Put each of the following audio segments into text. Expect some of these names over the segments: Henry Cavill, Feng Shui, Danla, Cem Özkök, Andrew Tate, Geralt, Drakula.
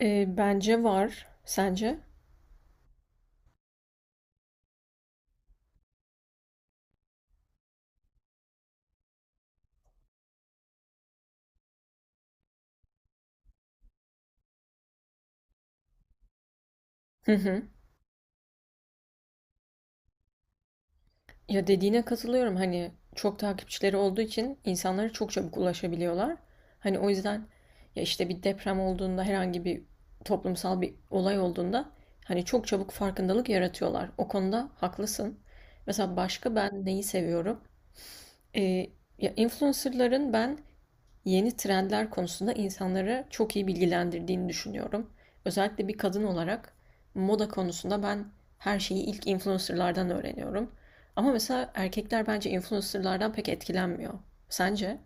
Bence var. Sence? Hı hı. Ya dediğine katılıyorum. Hani çok takipçileri olduğu için insanlara çok çabuk ulaşabiliyorlar. Hani o yüzden ya işte bir deprem olduğunda herhangi bir toplumsal bir olay olduğunda hani çok çabuk farkındalık yaratıyorlar. O konuda haklısın. Mesela başka ben neyi seviyorum? Eee, Ya influencerların ben yeni trendler konusunda insanları çok iyi bilgilendirdiğini düşünüyorum. Özellikle bir kadın olarak moda konusunda ben her şeyi ilk influencerlardan öğreniyorum. Ama mesela erkekler bence influencerlardan pek etkilenmiyor. Sence?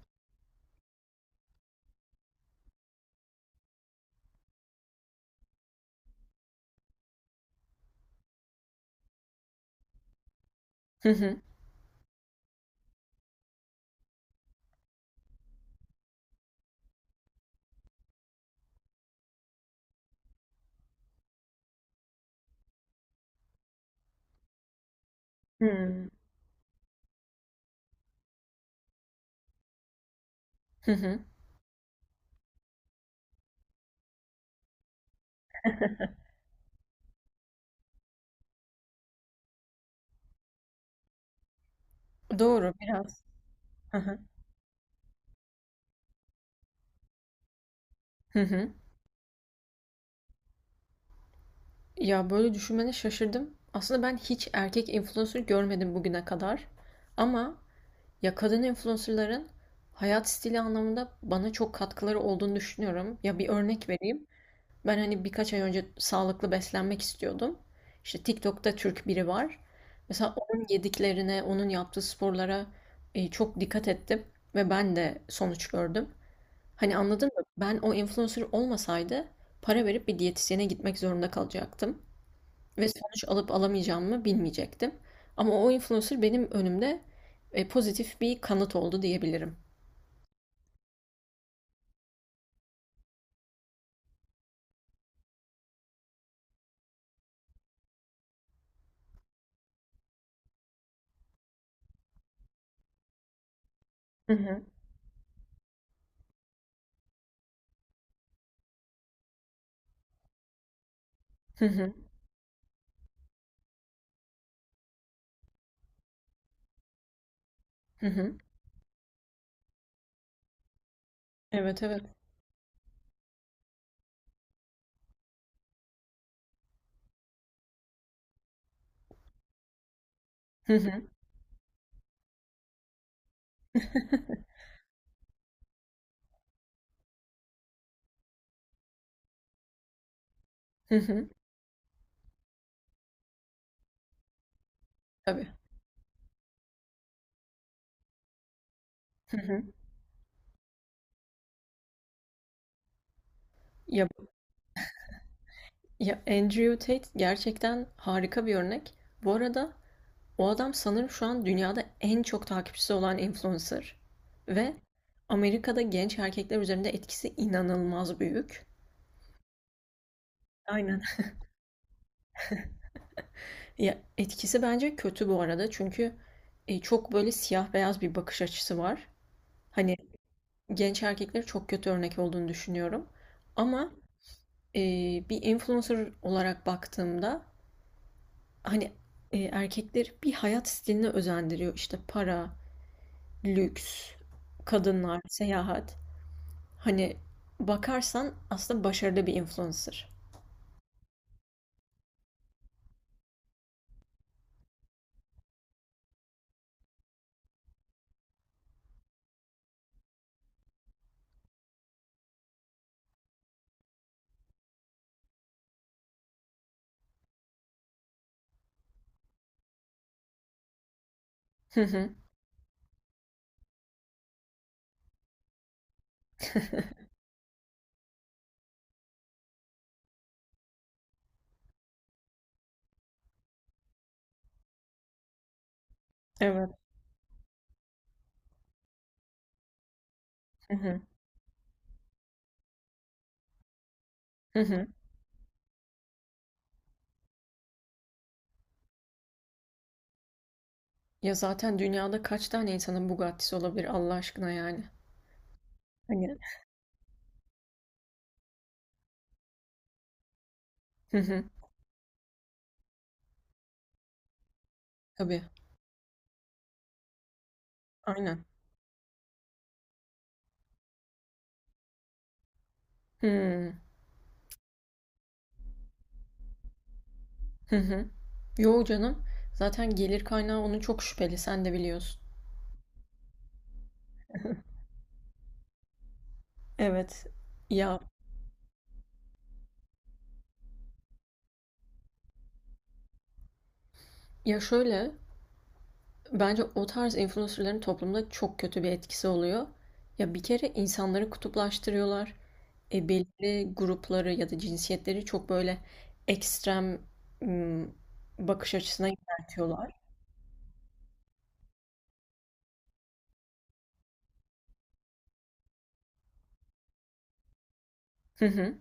Hı hı. Hmm. Hı hı. Doğru biraz. Hı hı. Hı hı. Ya böyle düşünmene şaşırdım. Aslında ben hiç erkek influencer görmedim bugüne kadar. Ama ya kadın influencer'ların hayat stili anlamında bana çok katkıları olduğunu düşünüyorum. Ya bir örnek vereyim. Ben hani birkaç ay önce sağlıklı beslenmek istiyordum. İşte TikTok'ta Türk biri var. Mesela onun yediklerine, onun yaptığı sporlara çok dikkat ettim ve ben de sonuç gördüm. Hani anladın mı? Ben o influencer olmasaydı para verip bir diyetisyene gitmek zorunda kalacaktım. Ve sonuç alıp alamayacağımı bilmeyecektim. Ama o influencer benim önümde, pozitif bir kanıt oldu diyebilirim. Hı hı. Hı hı. Hı hı. Evet, evet. Hı hı. Hı hı. Tabii. Hı hı. Ya ya Andrew Tate gerçekten harika bir örnek. Bu arada o adam sanırım şu an dünyada en çok takipçisi olan influencer ve Amerika'da genç erkekler üzerinde etkisi inanılmaz büyük. Aynen. Ya, etkisi bence kötü bu arada çünkü, çok böyle siyah beyaz bir bakış açısı var. Hani, genç erkeklere çok kötü örnek olduğunu düşünüyorum ama, bir influencer olarak baktığımda, hani, erkekleri bir hayat stiline özendiriyor. İşte, para, lüks, kadınlar, seyahat. Hani, bakarsan aslında başarılı bir influencer. Hı hı. Evet. Hı hı. Hı hı. Ya, zaten dünyada kaç tane insanın Bugatti'si olabilir Allah aşkına yani? Hani. Hı hı. Tabii. Aynen. Hı. Hı hı. Yo canım. Zaten gelir kaynağı onun çok şüpheli. Sen de biliyorsun. Evet. Ya ya şöyle bence o tarz influencerların toplumda çok kötü bir etkisi oluyor. Ya bir kere insanları kutuplaştırıyorlar. E, belirli grupları ya da cinsiyetleri çok böyle ekstrem ım, bakış açısına yöneltiyorlar. Hı hı.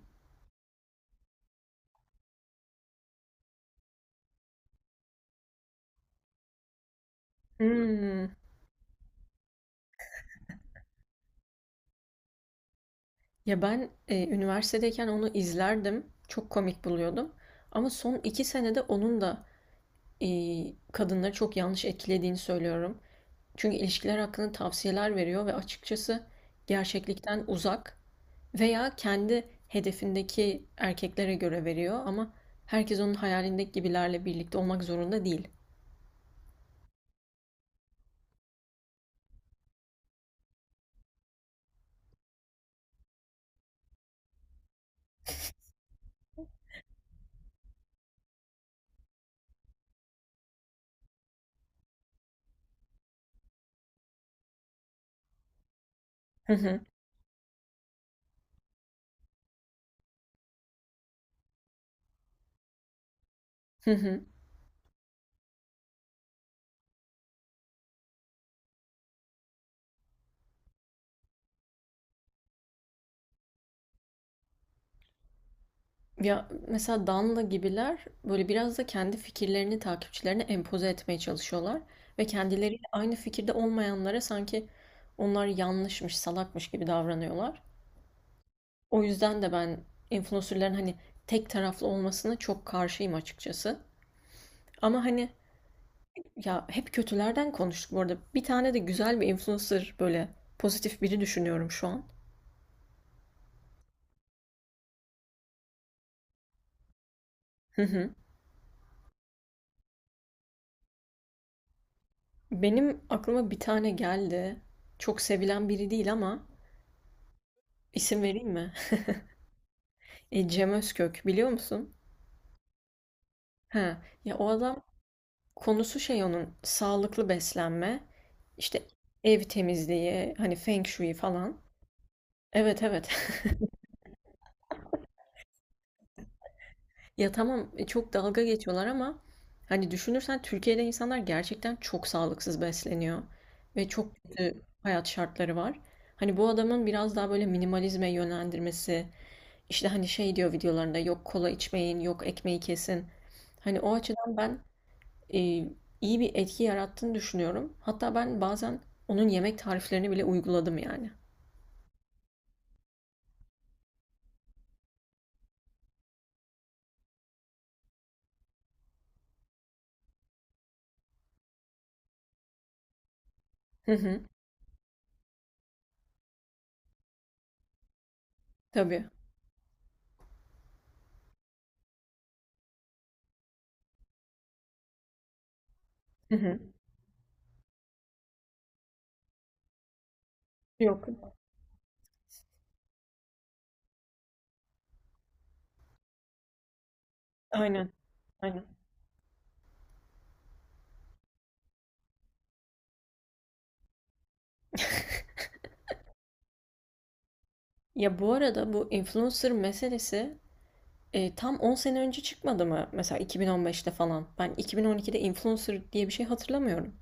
Hmm. Ya ben üniversitedeyken onu izlerdim. Çok komik buluyordum. Ama son iki senede onun da e, kadınları çok yanlış etkilediğini söylüyorum. Çünkü ilişkiler hakkında tavsiyeler veriyor ve açıkçası gerçeklikten uzak veya kendi hedefindeki erkeklere göre veriyor ama herkes onun hayalindeki gibilerle birlikte olmak zorunda değil. Hı hı, hı hı. Ya mesela Danla gibiler böyle biraz da kendi fikirlerini takipçilerine empoze etmeye çalışıyorlar ve kendileriyle aynı fikirde olmayanlara sanki onlar yanlışmış, salakmış gibi davranıyorlar. O yüzden de ben influencerların hani tek taraflı olmasına çok karşıyım açıkçası. Ama hani ya hep kötülerden konuştuk bu arada. Bir tane de güzel bir influencer böyle pozitif biri düşünüyorum şu an. Hı hı. Benim aklıma bir tane geldi. Çok sevilen biri değil ama isim vereyim mi? E, Cem Özkök biliyor musun? Ha, ya o adam konusu şey onun sağlıklı beslenme, işte ev temizliği, hani Feng Shui falan. Evet evet. Ya tamam e, çok dalga geçiyorlar ama hani düşünürsen Türkiye'de insanlar gerçekten çok sağlıksız besleniyor ve çok kötü hayat şartları var. Hani bu adamın biraz daha böyle minimalizme yönlendirmesi, işte hani şey diyor videolarında yok kola içmeyin, yok ekmeği kesin. Hani o açıdan ben e, iyi bir etki yarattığını düşünüyorum. Hatta ben bazen onun yemek tariflerini bile uyguladım yani. Hı hı. Tabii. Hı hı. Yok. Aynen. Aynen. Ya bu arada bu influencer meselesi tam 10 sene önce çıkmadı mı? Mesela 2015'te falan. Ben 2012'de influencer diye bir şey hatırlamıyorum.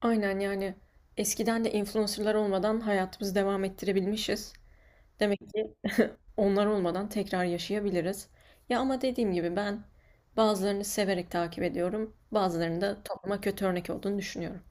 Aynen yani eskiden de influencerlar olmadan hayatımızı devam ettirebilmişiz. Demek ki onlar olmadan tekrar yaşayabiliriz. Ya ama dediğim gibi ben bazılarını severek takip ediyorum, bazılarını da topluma kötü örnek olduğunu düşünüyorum.